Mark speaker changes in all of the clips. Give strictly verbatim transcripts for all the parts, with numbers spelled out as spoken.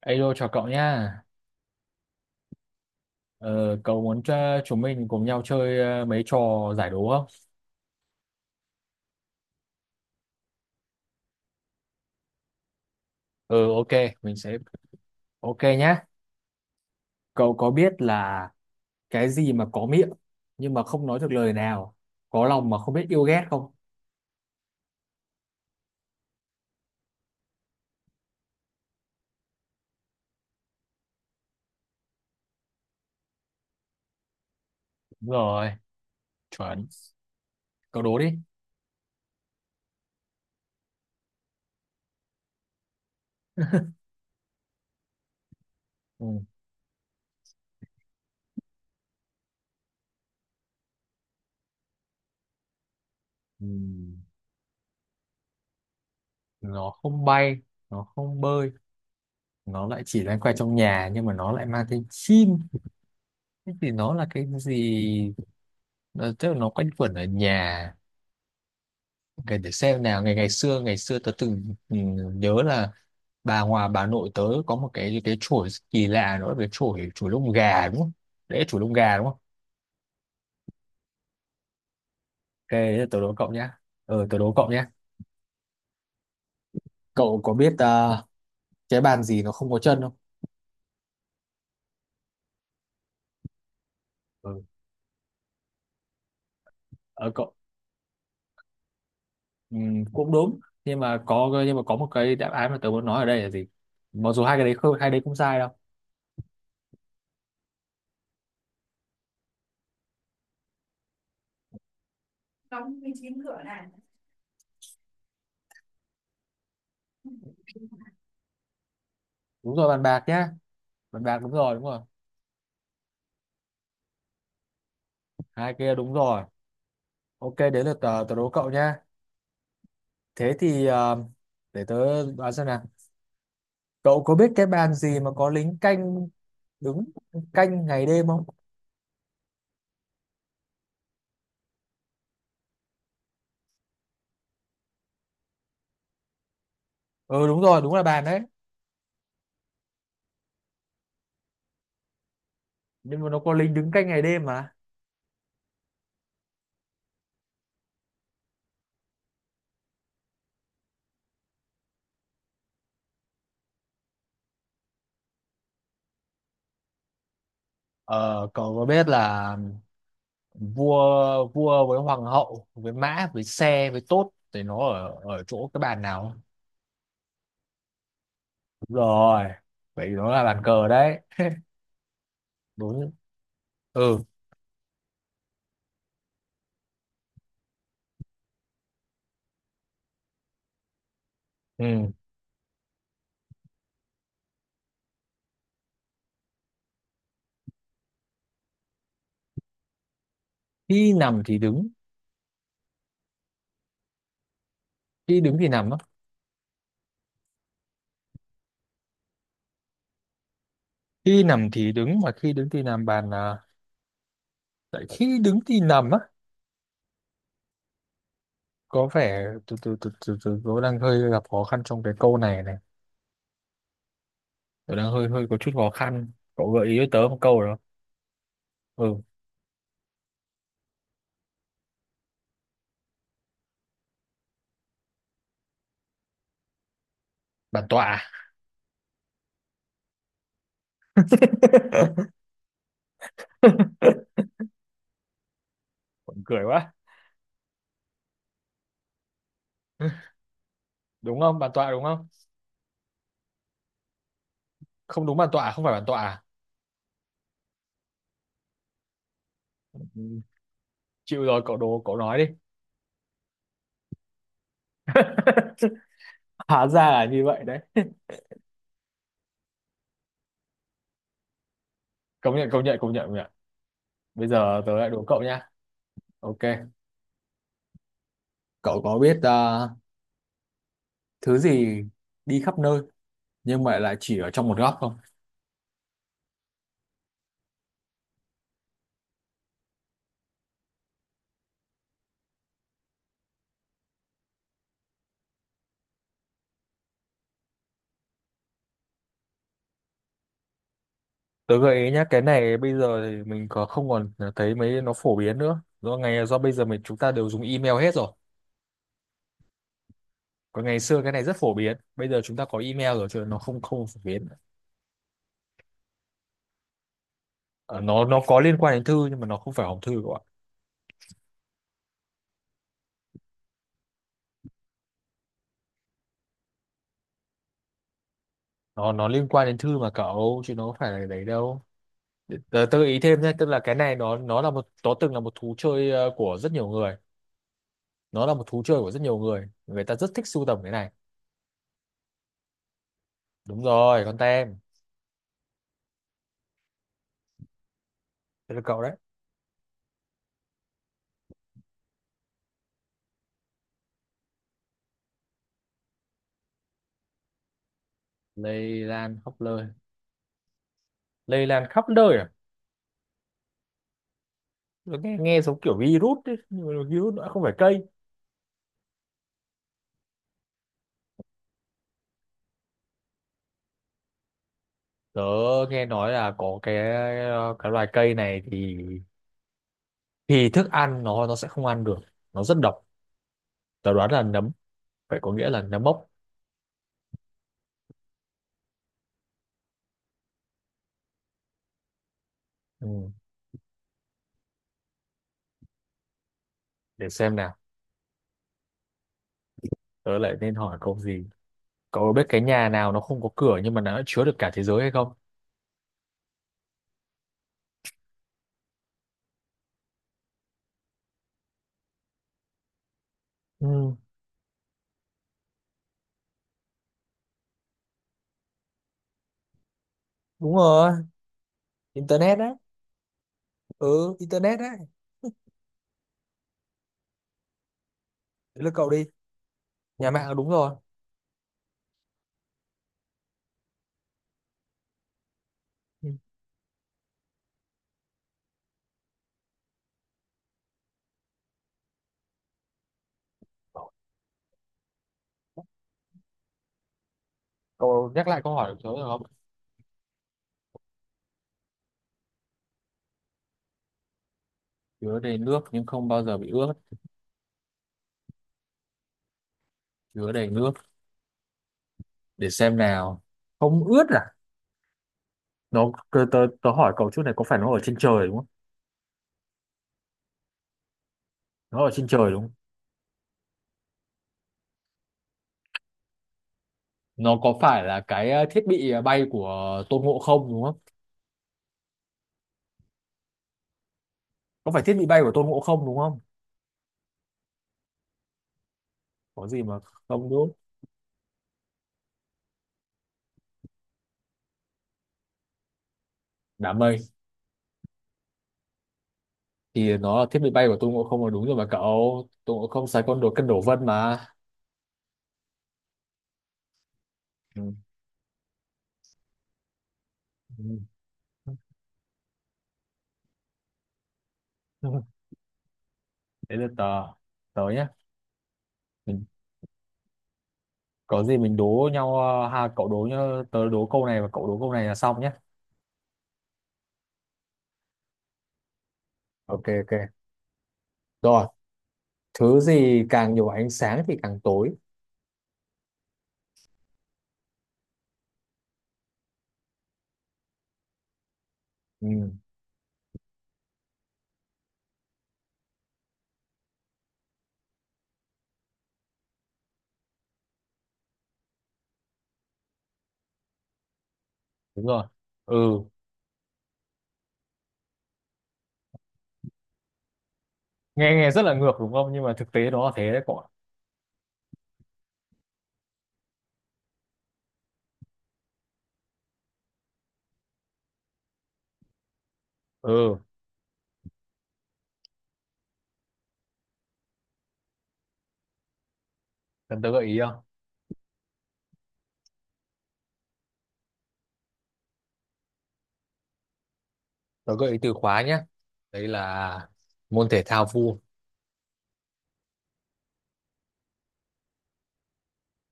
Speaker 1: Alo chào cậu nha. Ờ, Cậu muốn cho chúng mình cùng nhau chơi ờ, mấy trò giải đố không? Ừ, ok, mình sẽ ok nhá. Cậu có biết là cái gì mà có miệng nhưng mà không nói được lời nào, có lòng mà không biết yêu ghét không? Đúng rồi, chuẩn. Cậu đố đi. Ừ. Ừ. Nó không bay, nó không bơi, nó lại chỉ loanh quanh trong nhà nhưng mà nó lại mang tên chim. Thế thì nó là cái gì? Nó- Tức là nó quanh quẩn ở nhà. để, để xem nào, ngày ngày xưa ngày xưa tớ từng ừ, nhớ là bà hòa bà nội tớ có một cái cái chổi rất kỳ lạ, nữa cái chổi chổi lông gà đúng không? Đấy, chổi lông gà đúng không? Ok, thế tớ đố cậu nhá. Ờ tớ đố cậu nhá. Cậu có biết ờ, cái bàn gì nó không có chân không? Ừ. ờ, Cậu, ừm, cũng đúng, nhưng mà có nhưng mà có một cái đáp án mà tớ muốn nói ở đây là gì, mặc dù hai cái đấy không hai đấy không sai đâu. Đúng rồi, bàn bạc nhá. Bàn bạc, đúng rồi, đúng rồi. Hai kia đúng rồi. Ok, đến lượt tớ, tớ đố cậu nhá. Thế thì ờ, để tớ đoán xem nào. Cậu có biết cái bàn gì mà có lính canh đứng canh ngày đêm không? Ừ đúng rồi, đúng là bàn đấy. Nhưng mà nó có lính đứng canh ngày đêm mà. Ờ, cậu có biết là vua vua với hoàng hậu với mã với xe với tốt thì nó ở ở chỗ cái bàn nào không? Đúng rồi. Vậy nó là bàn cờ đấy. Đúng. Ừ. Ừ. Khi nằm thì đứng, khi đứng thì nằm á. Khi nằm thì đứng mà khi đứng thì nằm bàn à, tại khi đứng thì nằm á. Có vẻ từ từ từ từ từ tôi đang hơi gặp khó khăn trong cái câu này này, tôi đang hơi hơi có chút khó khăn, cậu gợi ý cho tớ một câu rồi không? Ừ. Bản tọa à? Cười quá. Đúng không, bản tọa đúng không? Không, đúng bản tọa à? Không phải bản tọa à? Ừ, chịu rồi, cậu đồ cậu nói đi. Hóa ra là như vậy đấy. Công nhận, công nhận, công nhận, công nhận. Bây giờ tớ lại đố cậu nha. Ok. Cậu có biết à, thứ gì đi khắp nơi nhưng mà lại chỉ ở trong một góc không? Tớ gợi ý nhá, cái này bây giờ thì mình có không còn thấy mấy nó phổ biến nữa. Do ngày do bây giờ mình chúng ta đều dùng email hết rồi. Còn ngày xưa cái này rất phổ biến. Bây giờ chúng ta có email rồi, chứ nó không không phổ biến. Ờ, nó nó có liên quan đến thư nhưng mà nó không phải hòm thư các bạn. Nó nó liên quan đến thư mà cậu, chứ nó không phải là đấy đâu. Tớ, tớ gợi ý thêm nhé, tức là cái này nó nó là một nó từng là một thú chơi ờ, của rất nhiều người. Nó là một thú chơi của rất nhiều người. Người ta rất thích sưu tầm cái này. Đúng rồi, con tem. Thế là cậu đấy. Lây lan khắp nơi. Lây lan khắp nơi à? Nó nghe, nghe giống kiểu virus ấy, nhưng mà virus nó không phải cây. Tớ nghe nói là có cái cái loài cây này thì thì thức ăn nó nó sẽ không ăn được, nó rất độc. Tớ đoán là nấm, phải có nghĩa là nấm mốc. Ừ. Để xem nào, tớ lại nên hỏi câu gì. Cậu biết cái nhà nào nó không có cửa nhưng mà nó lại chứa được cả thế giới hay không? Ừ, đúng rồi, internet đấy. Ừ, internet đấy. Đấy là cậu đi. Nhà mạng là đúng rồi. Ừ. Cậu nhắc lại câu hỏi của tớ được không? Chứa đầy nước nhưng không bao giờ bị ướt. Chứa đầy nước, để xem nào, không ướt à? Nó, tớ, tớ, tớ hỏi cậu chút này, có phải nó ở trên trời đúng không? Nó ở trên trời đúng không? Nó có phải là cái ờ, thiết bị ờ, bay của Tôn Ngộ không đúng không? Có phải thiết bị bay của Tôn Ngộ không đúng không? Có gì mà không đúng. Đám mây. Thì nó là thiết bị bay của Tôn Ngộ không là đúng rồi mà cậu, Tôn Ngộ không xài con đồ cân đổ vân mà. Ừ. Ừ. Đấy là tớ, tớ nhá. Mình, có gì mình đố nhau ờ, ha, cậu đố nhá. Tớ đố câu này và cậu đố câu này là xong nhá. Ok. Ok. Rồi. Thứ gì càng nhiều ánh sáng thì càng tối? Ừ, đúng rồi. Ừ, nghe nghe rất là ngược đúng không, nhưng mà thực tế nó là thế đấy cậu ạ. Ừ. Cần tớ gợi ý không? Tớ gợi ý từ khóa nhé, đấy là môn thể thao vua.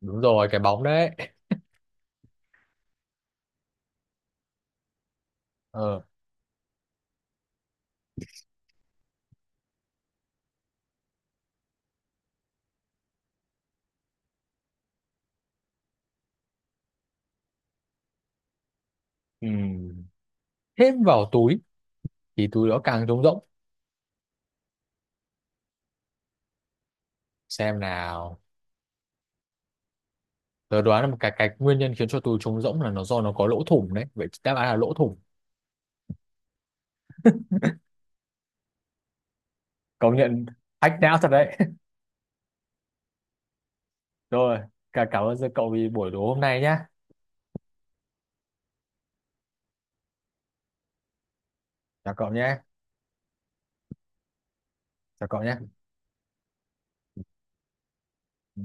Speaker 1: Đúng rồi, cái bóng đấy. Ờ. Ừ. Thêm vào túi thì túi đó càng trống rỗng. Xem nào, tớ đoán là một cái cái nguyên nhân khiến cho túi trống rỗng là nó do nó có lỗ thủng, đấy vậy đáp án là lỗ thủng. Công nhận, hack não thật đấy. Rồi, cả cảm ơn cậu vì buổi đố hôm nay nhá. Chào cậu nhé. Chào cậu nhé. Ừ.